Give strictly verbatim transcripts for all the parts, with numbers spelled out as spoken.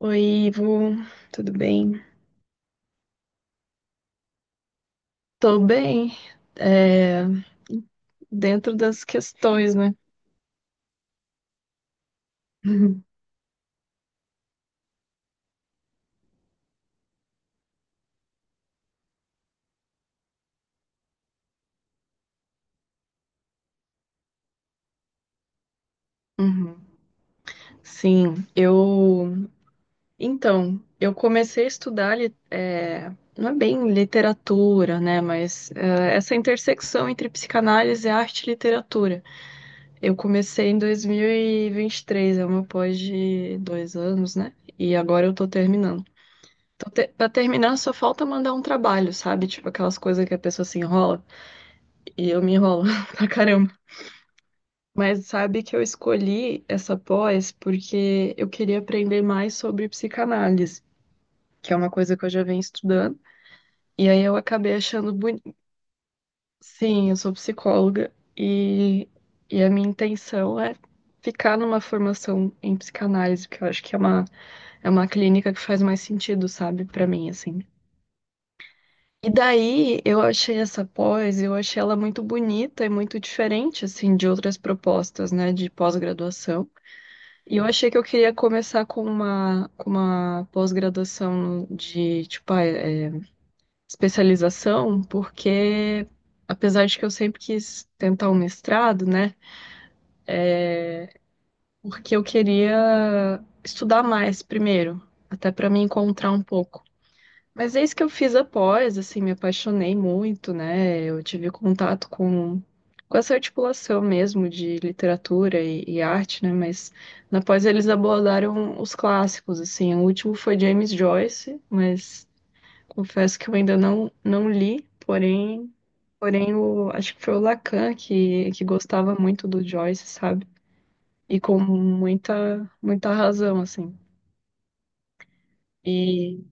Oi, Ivo, tudo bem? Tô bem, é, dentro das questões, né? Uhum. Uhum. Sim, eu. Então, eu comecei a estudar, li- é, não é bem literatura, né? Mas é, essa intersecção entre psicanálise, arte e literatura. Eu comecei em dois mil e vinte e três, é uma pós de dois anos, né? E agora eu tô terminando. Então, te- pra terminar, só falta mandar um trabalho, sabe? Tipo aquelas coisas que a pessoa se enrola. E eu me enrolo pra caramba. Mas sabe que eu escolhi essa pós porque eu queria aprender mais sobre psicanálise, que é uma coisa que eu já venho estudando. E aí eu acabei achando bonito. Sim, eu sou psicóloga e, e a minha intenção é ficar numa formação em psicanálise, porque eu acho que é uma, é uma clínica que faz mais sentido, sabe, pra mim, assim. E daí eu achei essa pós, eu achei ela muito bonita e muito diferente, assim, de outras propostas, né, de pós-graduação. E eu achei que eu queria começar com uma, com uma pós-graduação de, tipo, ah, é, especialização, porque apesar de que eu sempre quis tentar um mestrado, né, porque eu queria estudar mais primeiro, até para me encontrar um pouco. Mas é isso que eu fiz após, assim, me apaixonei muito, né? Eu tive contato com, com essa articulação mesmo de literatura e, e arte, né? Mas na pós eles abordaram os clássicos, assim. O último foi James Joyce, mas confesso que eu ainda não, não li, porém, porém o, acho que foi o Lacan que, que gostava muito do Joyce, sabe? E com muita, muita razão, assim. E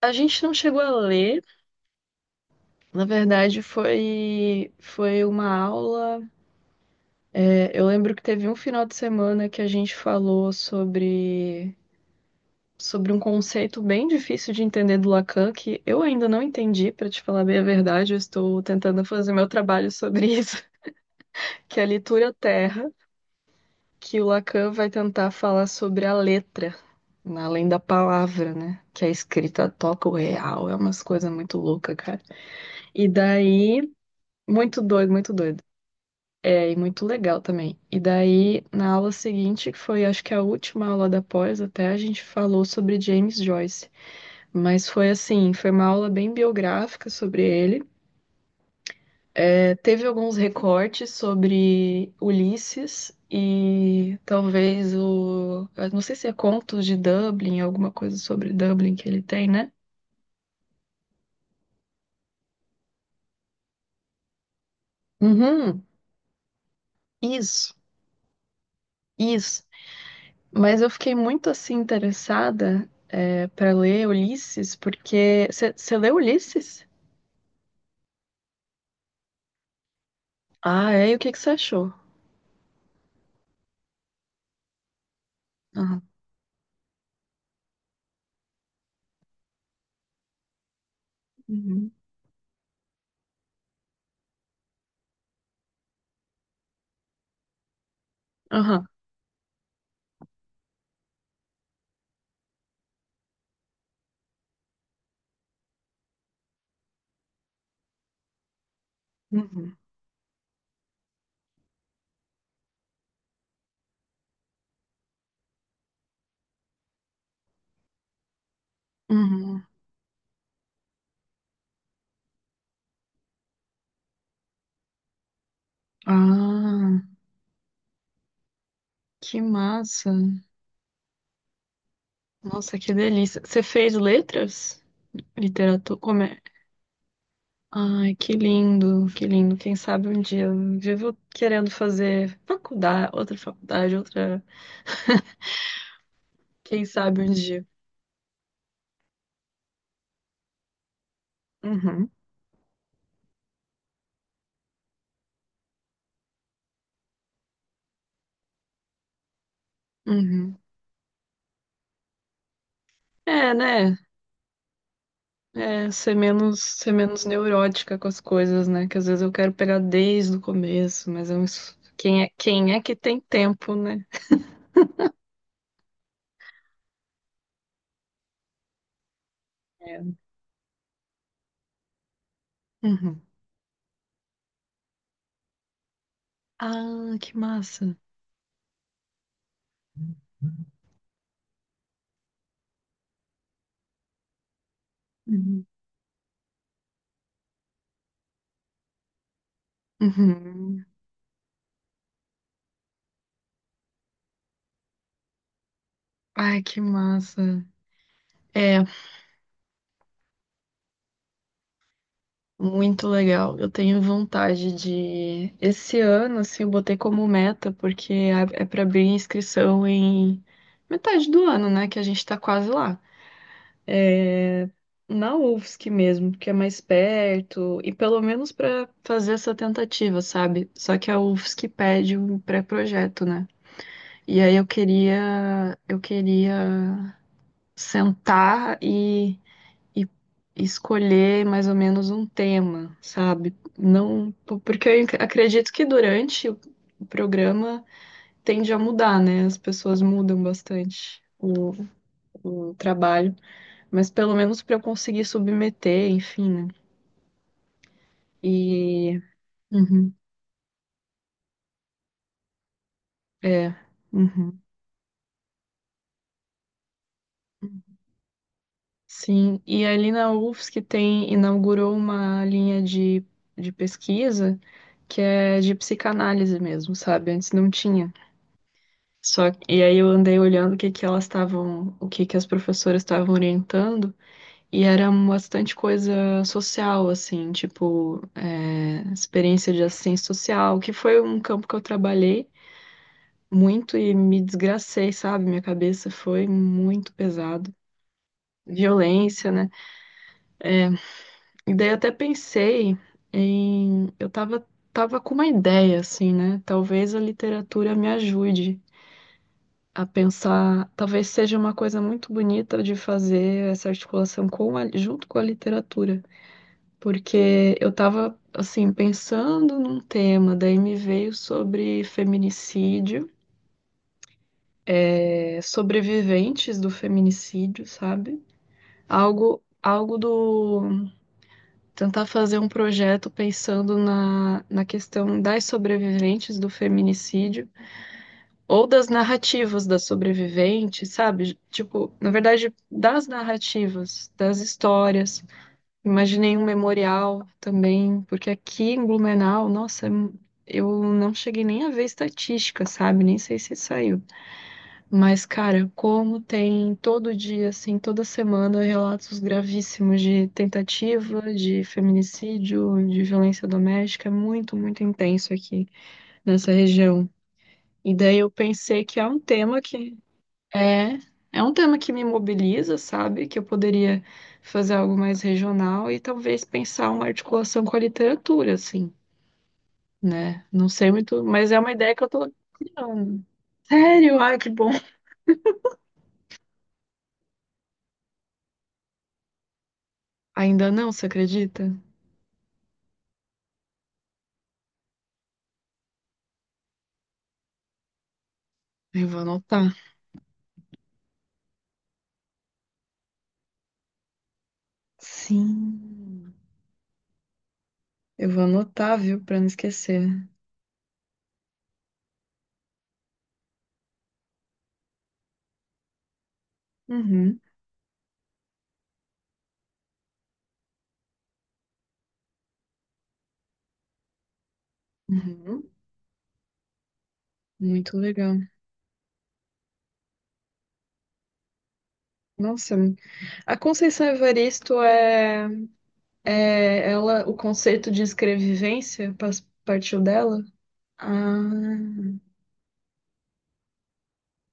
a gente não chegou a ler. Na verdade, foi, foi uma aula. É, eu lembro que teve um final de semana que a gente falou sobre, sobre um conceito bem difícil de entender do Lacan, que eu ainda não entendi, para te falar bem a verdade, eu estou tentando fazer meu trabalho sobre isso, que é a leitura terra, que o Lacan vai tentar falar sobre a letra, na- além da palavra, né? Que a escrita toca o real, é umas coisas muito loucas, cara. E daí, muito doido, muito doido. É, e muito legal também. E daí, na aula seguinte, que foi acho que a última aula da pós, até a gente falou sobre James Joyce. Mas foi assim, foi uma aula bem biográfica sobre ele. É, teve alguns recortes sobre Ulisses e talvez o. eu não sei se é Contos de Dublin, alguma coisa sobre Dublin que ele tem, né? Uhum. Isso, isso. Mas eu fiquei muito assim interessada, é, para ler Ulisses, porque. Você leu Ulisses? Ah, é? E o que que você achou? Aham. Uhum. Aham. Uhum. Uhum. Ah, que massa. Nossa, que delícia. Você fez letras? Literatura? Como é? Ai, que lindo, que lindo. Quem sabe um dia. Eu vivo querendo fazer faculdade, outra faculdade, outra. Quem sabe um dia. Uhum. Uhum. É, né? É, ser menos, ser menos neurótica com as coisas, né? Que às vezes eu quero pegar desde o começo, mas eu, quem é, quem é que tem tempo, né? É. Uhum. Ah, que massa. Uhum. Uhum. Ai, que massa. É, muito legal. Eu tenho vontade de. Esse ano, assim, eu botei como meta, porque é para abrir inscrição em metade do ano, né? Que a gente tá quase lá. Na U F S C mesmo, que é mais perto, e pelo menos para fazer essa tentativa, sabe? Só que a U F S C pede um pré-projeto, né? E aí eu queria, eu queria sentar e, e escolher mais ou menos um tema, sabe? Não, po- porque eu ac- acredito que durante o o programa tende a mudar, né? As pessoas mudam bastante. O, o trabalho, mas pelo menos para eu conseguir submeter, enfim, né? E. Uhum, é. Uhum. Sim, e ali na U F S C tem, inaugurou uma linha de, de pesquisa que é de psicanálise mesmo, sabe? Antes não tinha. Só que- e aí eu andei olhando o que que elas estavam, o que que as professoras estavam orientando, e era bastante coisa social, assim, tipo, é, experiência de assistência social, que foi um campo que eu trabalhei muito e me desgracei, sabe? Minha cabeça foi muito pesado. Violência, né? E daí até pensei em. Eu tava, tava com uma ideia, assim, né? Talvez a literatura me ajude a pensar. Talvez seja uma coisa muito bonita de fazer essa articulação com a- junto com a literatura. Porque eu tava, assim, pensando num tema, daí me veio sobre feminicídio, eh, sobreviventes do feminicídio, sabe? Algo, algo do tentar fazer um projeto pensando na, na questão das sobreviventes do feminicídio ou das narrativas das sobreviventes, sabe? Tipo, na verdade, das narrativas, das histórias. Imaginei um memorial também, porque aqui em Blumenau, nossa, eu não cheguei nem a ver estatística, sabe? Nem sei se saiu. Mas, cara, como tem todo dia, assim, toda semana, relatos gravíssimos de tentativa, de feminicídio, de violência doméstica, é muito, muito intenso aqui nessa região. E daí eu pensei que é um tema que é, é um tema que me mobiliza, sabe? Que eu poderia fazer algo mais regional e talvez pensar uma articulação com a literatura, assim, né? Não sei muito, mas é uma ideia que eu tô criando. Sério? Ai, que bom. Ainda não, você acredita? Eu vou anotar. Sim. Eu vou anotar, viu, pra não esquecer. Uhum. Uhum. Muito legal. Nossa, a Conceição Evaristo é, é ela, o conceito de escrevivência pas- partiu dela? Ah,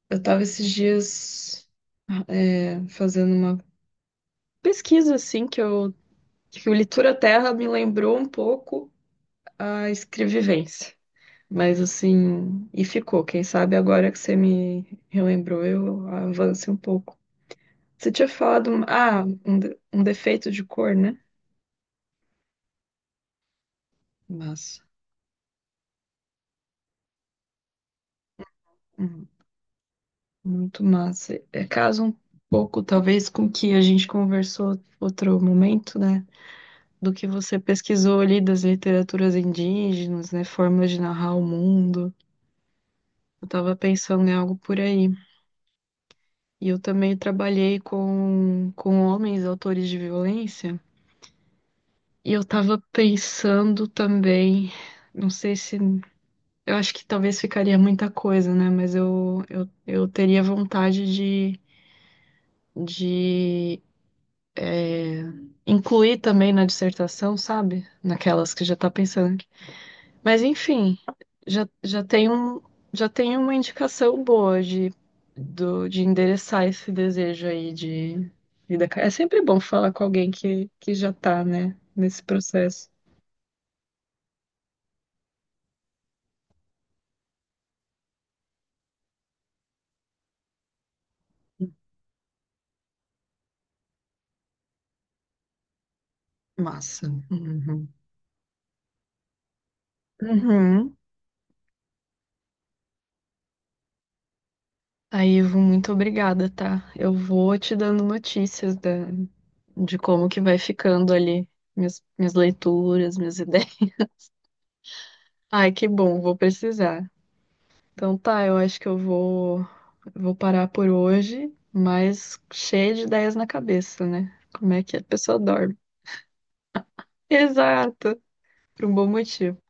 eu tava esses dias é, fazendo uma pesquisa assim que eu que o Literatura Terra me lembrou um pouco a escrevivência. Mas assim, e ficou. Quem sabe agora que você me relembrou, eu avance um pouco. Você tinha falado, um- ah, um, de- um defeito de cor, né? Massa. Uhum. Muito massa. É caso um pouco, talvez, com o que a gente conversou outro momento, né? Do que você pesquisou ali das literaturas indígenas, né? Formas de narrar o mundo. Eu tava pensando em algo por aí. E eu também trabalhei com, com homens, autores de violência. E eu tava pensando também, não sei se. Eu acho que talvez ficaria muita coisa, né? Mas eu, eu, eu teria vontade de, de incluir também na dissertação, sabe? Naquelas que já tá pensando. Mas enfim, já, já tem um, já tem uma indicação boa de, do, de endereçar esse desejo aí de vida. Acadêmica. É sempre bom falar com alguém que, que já tá, né? Nesse processo. Massa. Uhum. Uhum. Aí, Ivo, muito obrigada, tá? Eu vou te dando notícias da, de como que vai ficando ali minhas, minhas leituras, minhas ideias. Ai, que bom, vou precisar. Então tá, eu acho que eu vou, vou parar por hoje, mas cheia de ideias na cabeça, né? Como é que a pessoa dorme? Exato, por um bom motivo.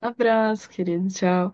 Abraço, querido, tchau.